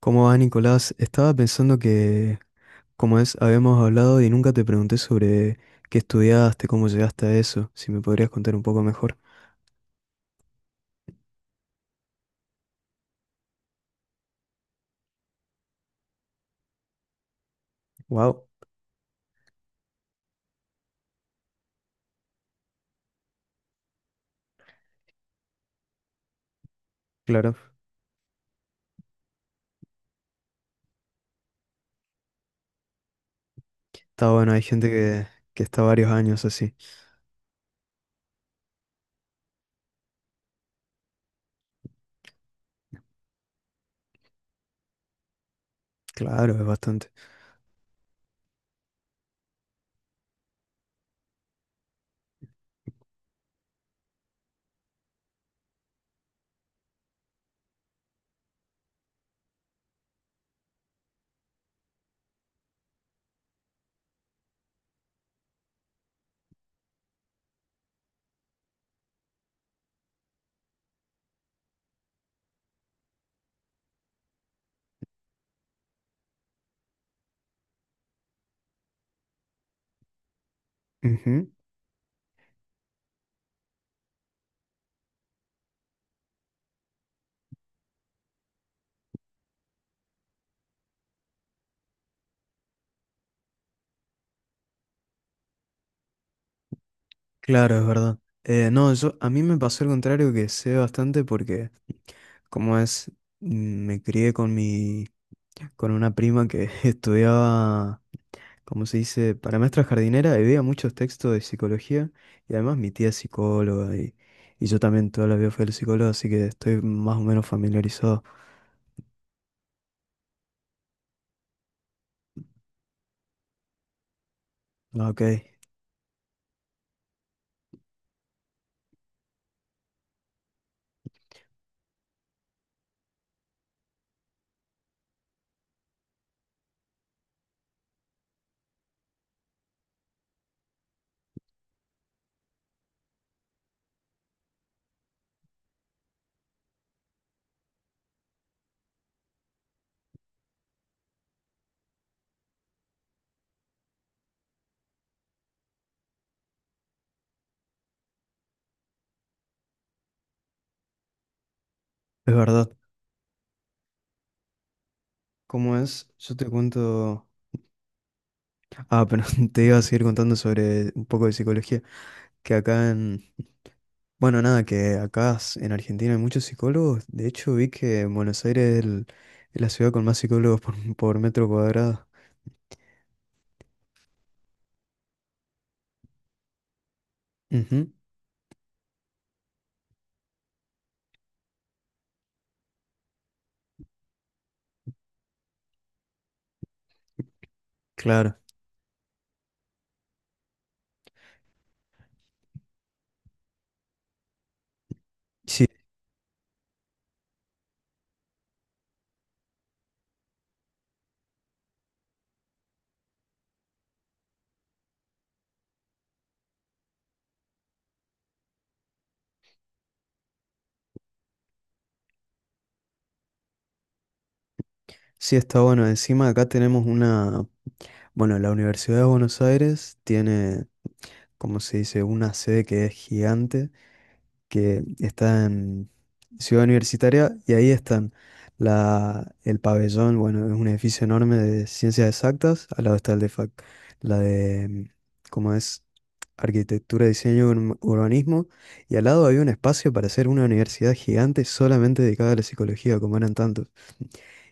¿Cómo va, Nicolás? Estaba pensando que, habíamos hablado y nunca te pregunté sobre qué estudiaste, cómo llegaste a eso, si me podrías contar un poco mejor. Wow, claro. Está bueno, hay gente que está varios años así. Claro, es bastante. Ujú. Claro, es verdad. No, yo, a mí me pasó el contrario que sé bastante porque, como es, me crié con con una prima que estudiaba, como se dice, para maestra jardinera y veía muchos textos de psicología y además mi tía es psicóloga y yo también toda la vida fui al psicólogo, así que estoy más o menos familiarizado. Ah, ok, es verdad. ¿Cómo es? Yo te cuento... Ah, pero te iba a seguir contando sobre un poco de psicología, que acá en... Bueno, nada, que acá en Argentina hay muchos psicólogos. De hecho, vi que en Buenos Aires es la ciudad con más psicólogos por, por metro cuadrado. Ujú, claro. Sí, sí está bueno. Encima acá tenemos una, bueno, la Universidad de Buenos Aires tiene, como se dice, una sede que es gigante que está en Ciudad Universitaria y ahí están el pabellón, bueno, es un edificio enorme de ciencias exactas, al lado está el de la ¿cómo es? Arquitectura, diseño, urbanismo, y al lado había un espacio para hacer una universidad gigante solamente dedicada a la psicología, como eran tantos,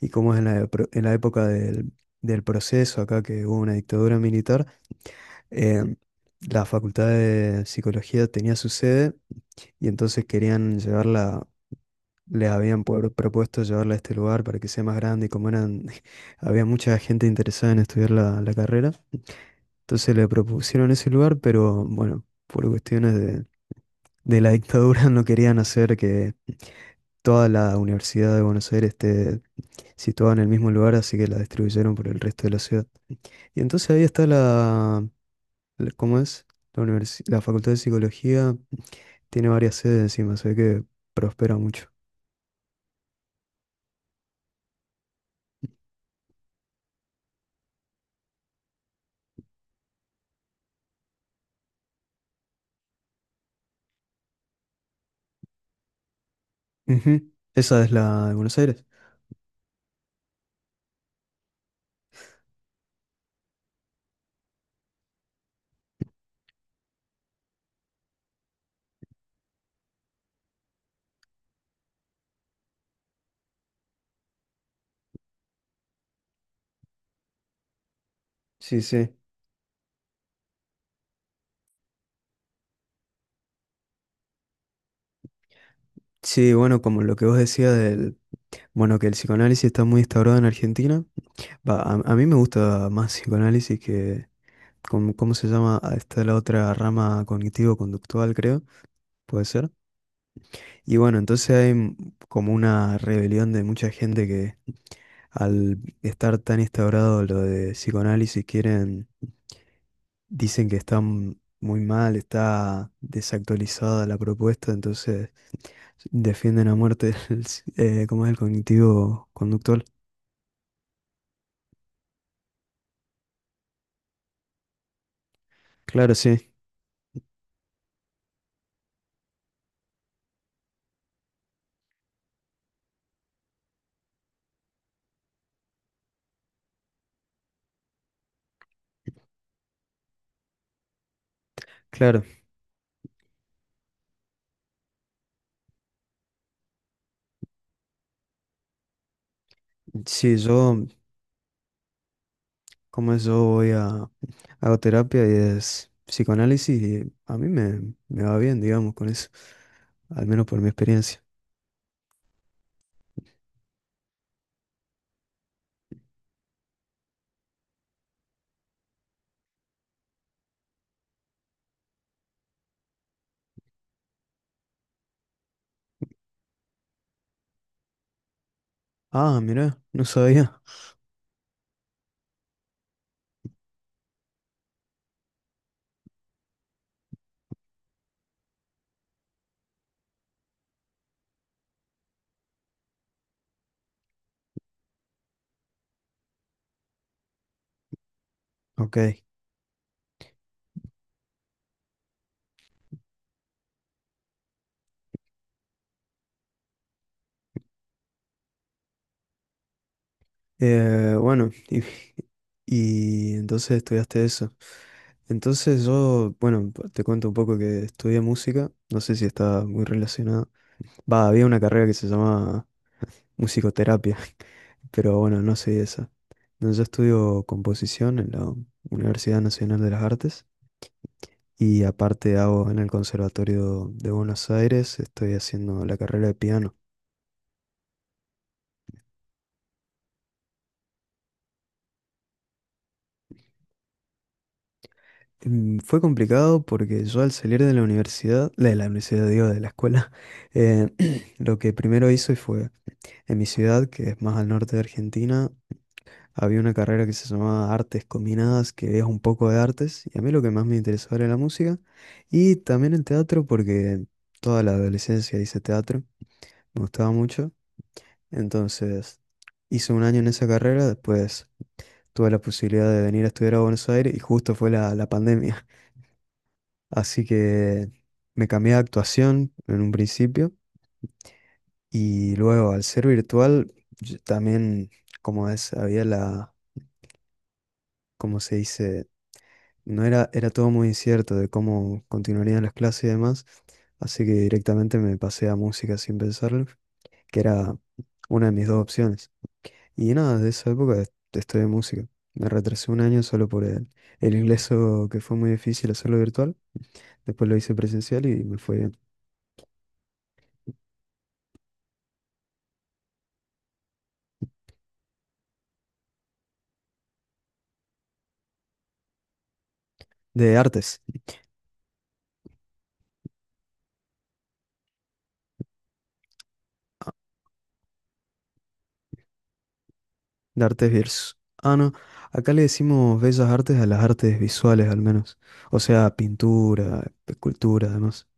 y como es, en en la época del proceso acá que hubo una dictadura militar, em, la Facultad de Psicología tenía su sede y entonces querían llevarla, les habían propuesto llevarla a este lugar para que sea más grande y como eran, había mucha gente interesada en estudiar la carrera, entonces le propusieron ese lugar, pero bueno, por cuestiones de la dictadura no querían hacer que toda la Universidad de Buenos Aires esté situada en el mismo lugar, así que la distribuyeron por el resto de la ciudad. Y entonces ahí está ¿cómo es? La Facultad de Psicología tiene varias sedes encima, se ve que prospera mucho. Ujú, esa es la de Buenos Aires. Sí, sí. Sí, bueno, como lo que vos decías del, bueno, que el psicoanálisis está muy instaurado en Argentina. Va, a mí me gusta más psicoanálisis que, ¿cómo, cómo se llama? Ah, está la otra rama cognitivo-conductual, creo, puede ser. Y bueno, entonces hay como una rebelión de mucha gente que al estar tan instaurado lo de psicoanálisis quieren, dicen que está muy mal, está desactualizada la propuesta, entonces... Defienden a muerte ¿cómo es el cognitivo conductual? Claro, sí, claro. Sí, yo voy a, hago terapia y es psicoanálisis y a mí me va bien, digamos, con eso, al menos por mi experiencia. Ah, mira, no sabía. Ok, bueno, y, y entonces estudiaste eso. Entonces yo, bueno, te cuento un poco que estudié música, no sé si está muy relacionada. Va, había una carrera que se llama musicoterapia, pero bueno, no sé esa. No, yo estudio composición en la Universidad Nacional de las Artes y aparte hago en el Conservatorio de Buenos Aires, estoy haciendo la carrera de piano. Fue complicado porque yo al salir de la universidad, digo, de la escuela, eh, lo que primero hice fue, en mi ciudad, que es más al norte de Argentina, había una carrera que se llamaba Artes Combinadas, que es un poco de artes, y a mí lo que más me interesaba era la música, y también el teatro, porque toda la adolescencia hice teatro, me gustaba mucho, entonces hice un año en esa carrera, después tuve la posibilidad de venir a estudiar a Buenos Aires, y justo fue la pandemia. Así que me cambié de actuación en un principio y luego al ser virtual yo también, había como se dice, no era, era todo muy incierto de cómo continuarían las clases y demás, así que directamente me pasé a música sin pensarlo, que era una de mis dos opciones. Y nada, de esa época estudié música. Me retrasé un año solo por el ingreso que fue muy difícil hacerlo virtual, después lo hice presencial y me fue bien. De artes. De artes visuales. Ah, no. Acá le decimos bellas artes a las artes visuales, al menos. O sea, pintura, escultura, además.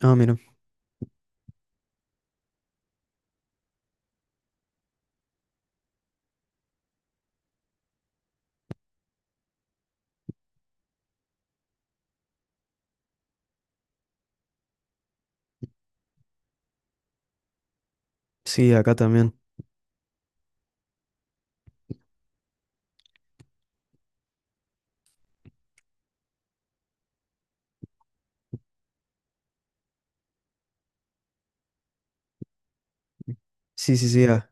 Ah, mira. Sí, acá también. Sí, sí, sí.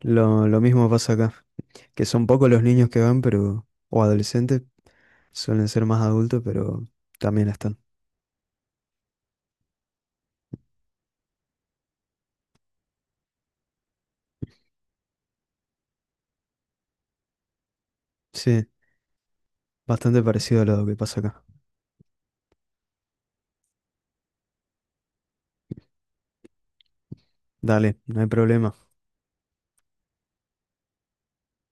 Lo mismo pasa acá. Que son pocos los niños que van, pero... O adolescentes. Suelen ser más adultos, pero también están. Sí, bastante parecido a lo que pasa acá. Dale, no hay problema.